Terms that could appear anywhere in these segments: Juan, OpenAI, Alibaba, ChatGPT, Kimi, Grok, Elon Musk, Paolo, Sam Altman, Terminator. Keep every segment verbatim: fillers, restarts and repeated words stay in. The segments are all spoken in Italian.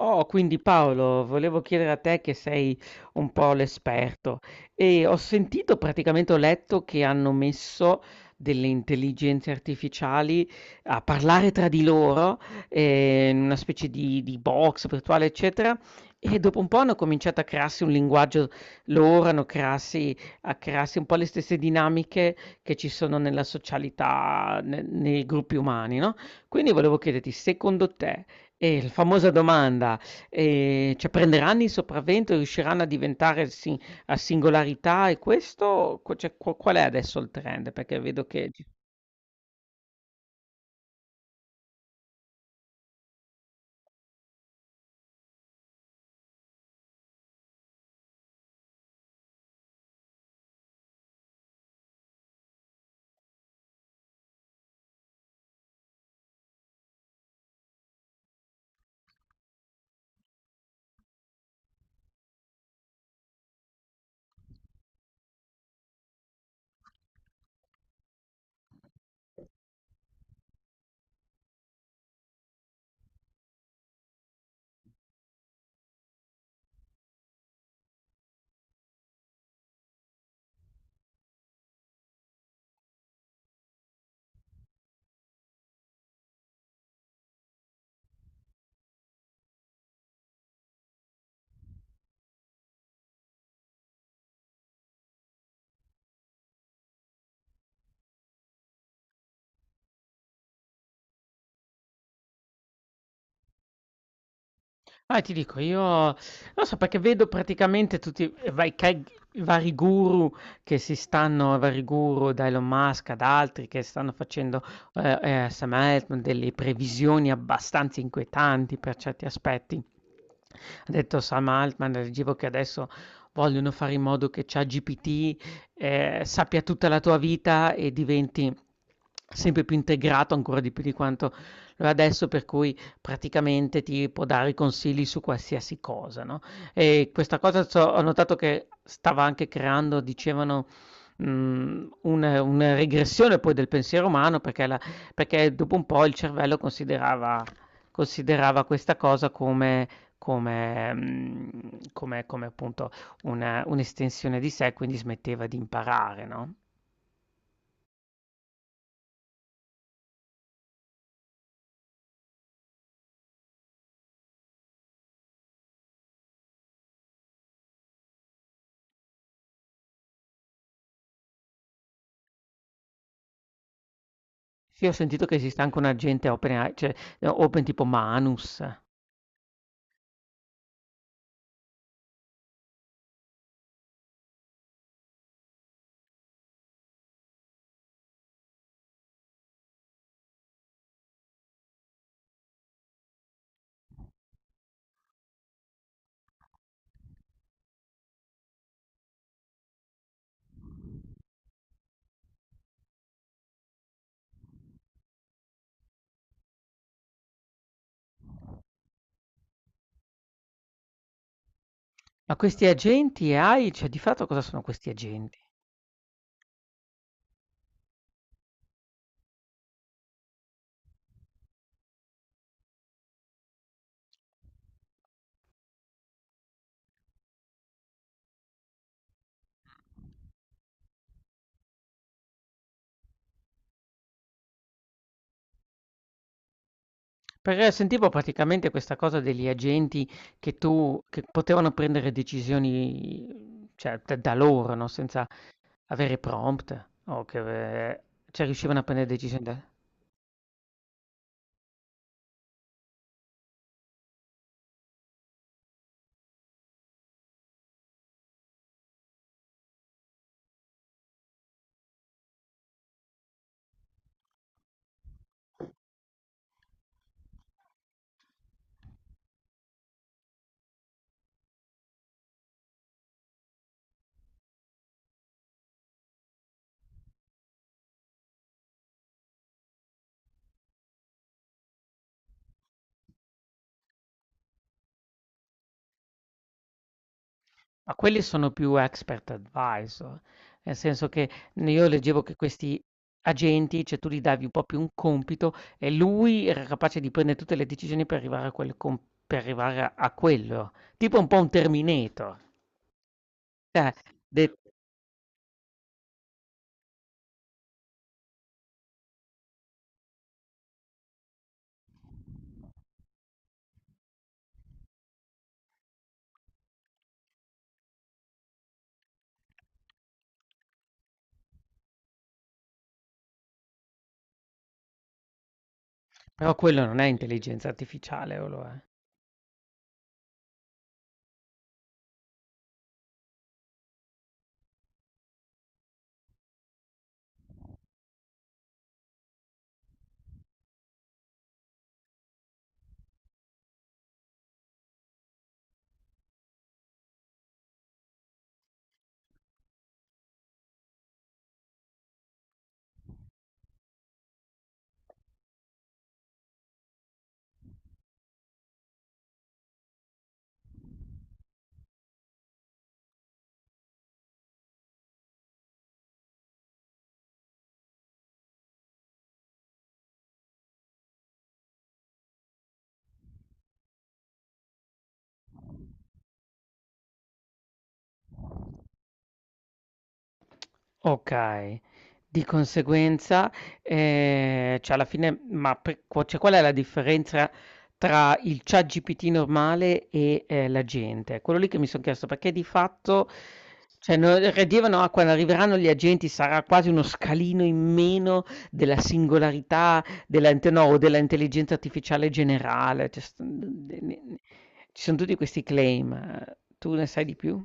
Oh, quindi Paolo, volevo chiedere a te che sei un po' l'esperto e ho sentito, praticamente ho letto che hanno messo delle intelligenze artificiali a parlare tra di loro eh, in una specie di, di box virtuale, eccetera, e dopo un po' hanno cominciato a crearsi un linguaggio loro, hanno crearsi, a crearsi un po' le stesse dinamiche che ci sono nella socialità, ne- nei gruppi umani, no? Quindi volevo chiederti, secondo te... Eh, la famosa domanda, ehm, cioè prenderanno il sopravvento, e riusciranno a diventare sin a singolarità e questo co cioè qu qual è adesso il trend? Perché vedo che ci. Ah, ti dico, io non so perché vedo praticamente tutti i vai, che- i vari guru che si stanno, i vari guru da Elon Musk ad altri che stanno facendo eh, eh, Sam Altman delle previsioni abbastanza inquietanti per certi aspetti. Ha detto Sam Altman, leggevo che adesso vogliono fare in modo che ChatGPT eh, sappia tutta la tua vita e diventi sempre più integrato ancora di più di quanto lo è adesso, per cui praticamente ti può dare consigli su qualsiasi cosa, no? E questa cosa so- ho notato che stava anche creando, dicevano, mh, una, una regressione poi del pensiero umano perché, la- perché dopo un po' il cervello considerava, considerava questa cosa come... Come, mh, come, come appunto una- un'estensione di sé, quindi smetteva di imparare, no? Sì, ho sentito che esiste anche un agente open, A I, cioè eh, open tipo Manus. Ma questi agenti A I, cioè di fatto cosa sono questi agenti? Perché sentivo praticamente questa cosa degli agenti che tu che potevano prendere decisioni, cioè da da loro, no, senza avere prompt o che eh, cioè riuscivano a prendere decisioni da. Ma quelli sono più expert advisor, nel senso che n io leggevo che questi agenti, cioè tu gli davi un po' più un compito e lui era capace di prendere tutte le decisioni per arrivare a quel com per arrivare a a quello. Tipo un po' un Terminator, de però quello non è intelligenza artificiale o lo è? Okay. Di conseguenza, ehm, cioè alla fine ma per qu cioè qual è la differenza tra il ChatGPT normale e, ehm, l'agente? È quello lì che mi son chiesto, perché di fatto cioè no re dicevano: "Ah, quando arriveranno gli agenti sarà quasi uno scalino in meno della singolarità della inte no, o della intelligenza artificiale generale." Cioè st n de ne ne ci son tutti questi claim. eh, Tu ne sai di più?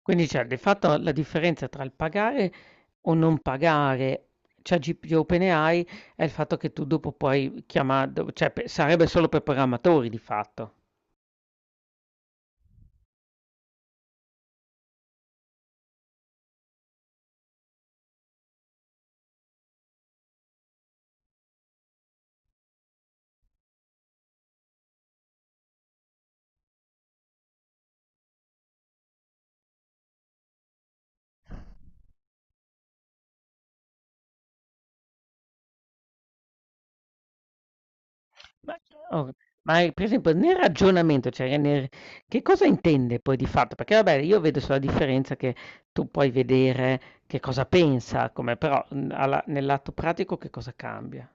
Quindi cioè di fatto la differenza tra il pagare o non pagare ChatGPT di OpenAI è il fatto che tu dopo puoi chiama do cioè pe sarebbe solo per programmatori di fatto. Ma o ma eh, per esempio nel ragionamento, cioè nel che cosa intende poi di fatto? Perché vabbè io vedo sulla differenza che tu puoi vedere che cosa pensa, come però, mhmm, alla nel lato pratico che cosa cambia?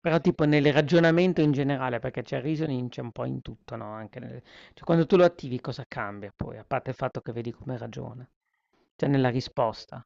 Però tipo nel ragionamento in generale, perché c'è il reasoning c'è un po' in tutto, no? Anche nel- cioè, quando tu lo attivi cosa cambia poi, a parte il fatto che vedi come ragiona, cioè nella risposta.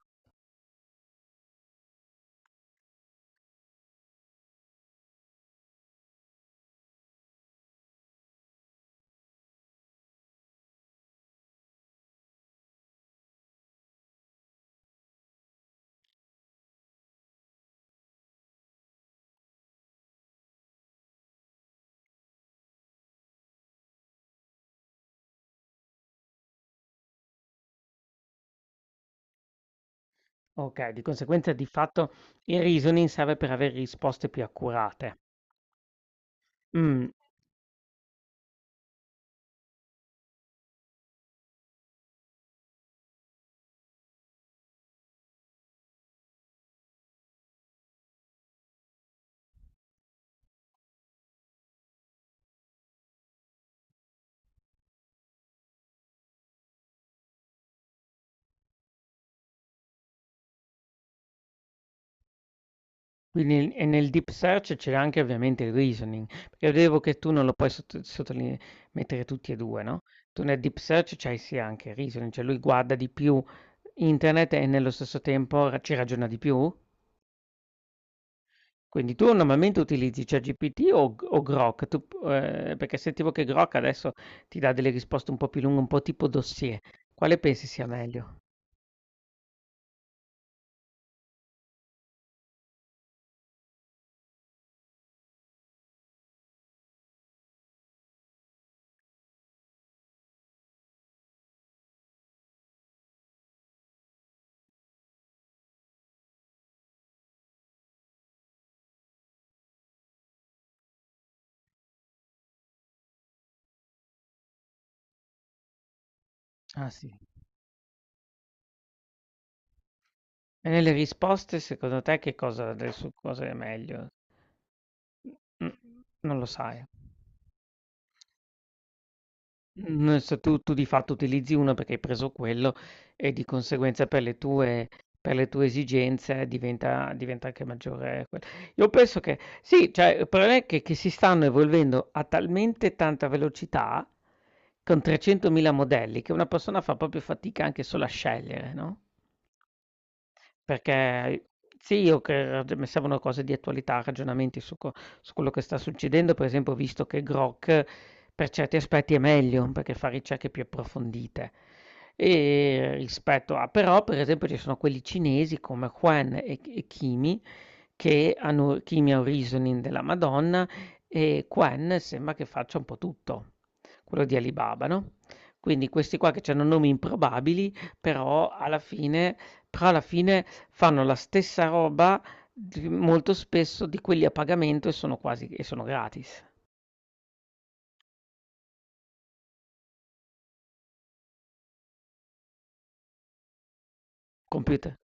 Ok, di conseguenza di fatto il reasoning serve per avere risposte più accurate. Mm. Quindi e nel deep search c'è anche ovviamente il reasoning, perché vedevo che tu non lo puoi sotto- sottoline- mettere tutti e due, no? Tu nel deep search c'hai sì anche il reasoning, cioè lui guarda di più internet e nello stesso tempo ra- ci ragiona di più. Quindi tu normalmente utilizzi ChatGPT o G o Grok? Tu p ehm, perché sentivo che Grok adesso ti dà delle risposte un po' più lunghe, un po' tipo dossier. Quale pensi sia meglio? Ah, sì. E nelle risposte secondo te che cosa adesso cosa è meglio? Mh, non lo sai. Mhmm, se tu tu di fatto utilizzi uno perché hai preso quello e di conseguenza per le tue per le tue esigenze diventa diventa anche maggiore que, io penso che sì, cioè il problema è che che si stanno evolvendo a talmente tanta velocità, con trecentomila modelli, che una persona fa proprio fatica anche solo a scegliere, no? Perché sì, io che mi servono cose di attualità, ragionamenti su, co- su quello che sta succedendo. Per esempio, ho visto che Grok per certi aspetti è meglio perché fa ricerche più approfondite. E rispetto a, però, per esempio, ci sono quelli cinesi come Juan e, e Kimi che hanno Chimia Reasoning della Madonna e Quen sembra che faccia un po' tutto, quello di Alibaba, no? Quindi questi qua che hanno nomi improbabili, però alla fine, però alla fine fanno la stessa roba di- molto spesso di quelli a pagamento e sono quasi e sono gratis. Computer.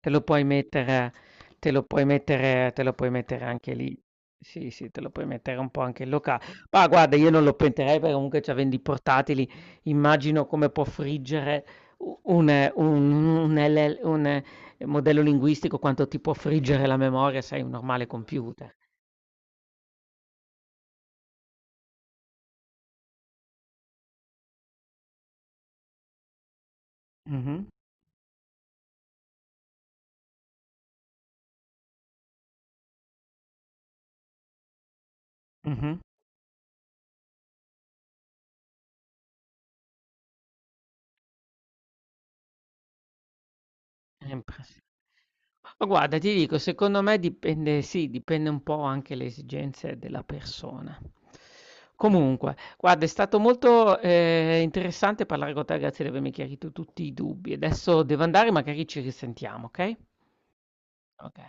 Te lo puoi mettere te lo puoi mettere te lo puoi mettere anche lì. Sì, sì, te lo puoi mettere un po' anche in locale. Ma guarda, io non lo pentirei perché comunque cioè, vendi i portatili. Immagino come può friggere u- un, un, un L L un, eh, modello linguistico, quanto ti può friggere la memoria se hai un normale computer. Mhm, mhm. È impress ma guarda, ti dico, secondo me dipende sì, dipende un po' anche le esigenze della persona. Comunque, guarda, è stato molto, ehm, interessante parlare con te, grazie di avermi chiarito tutti i dubbi. Adesso devo andare, magari ci risentiamo, okay? Oka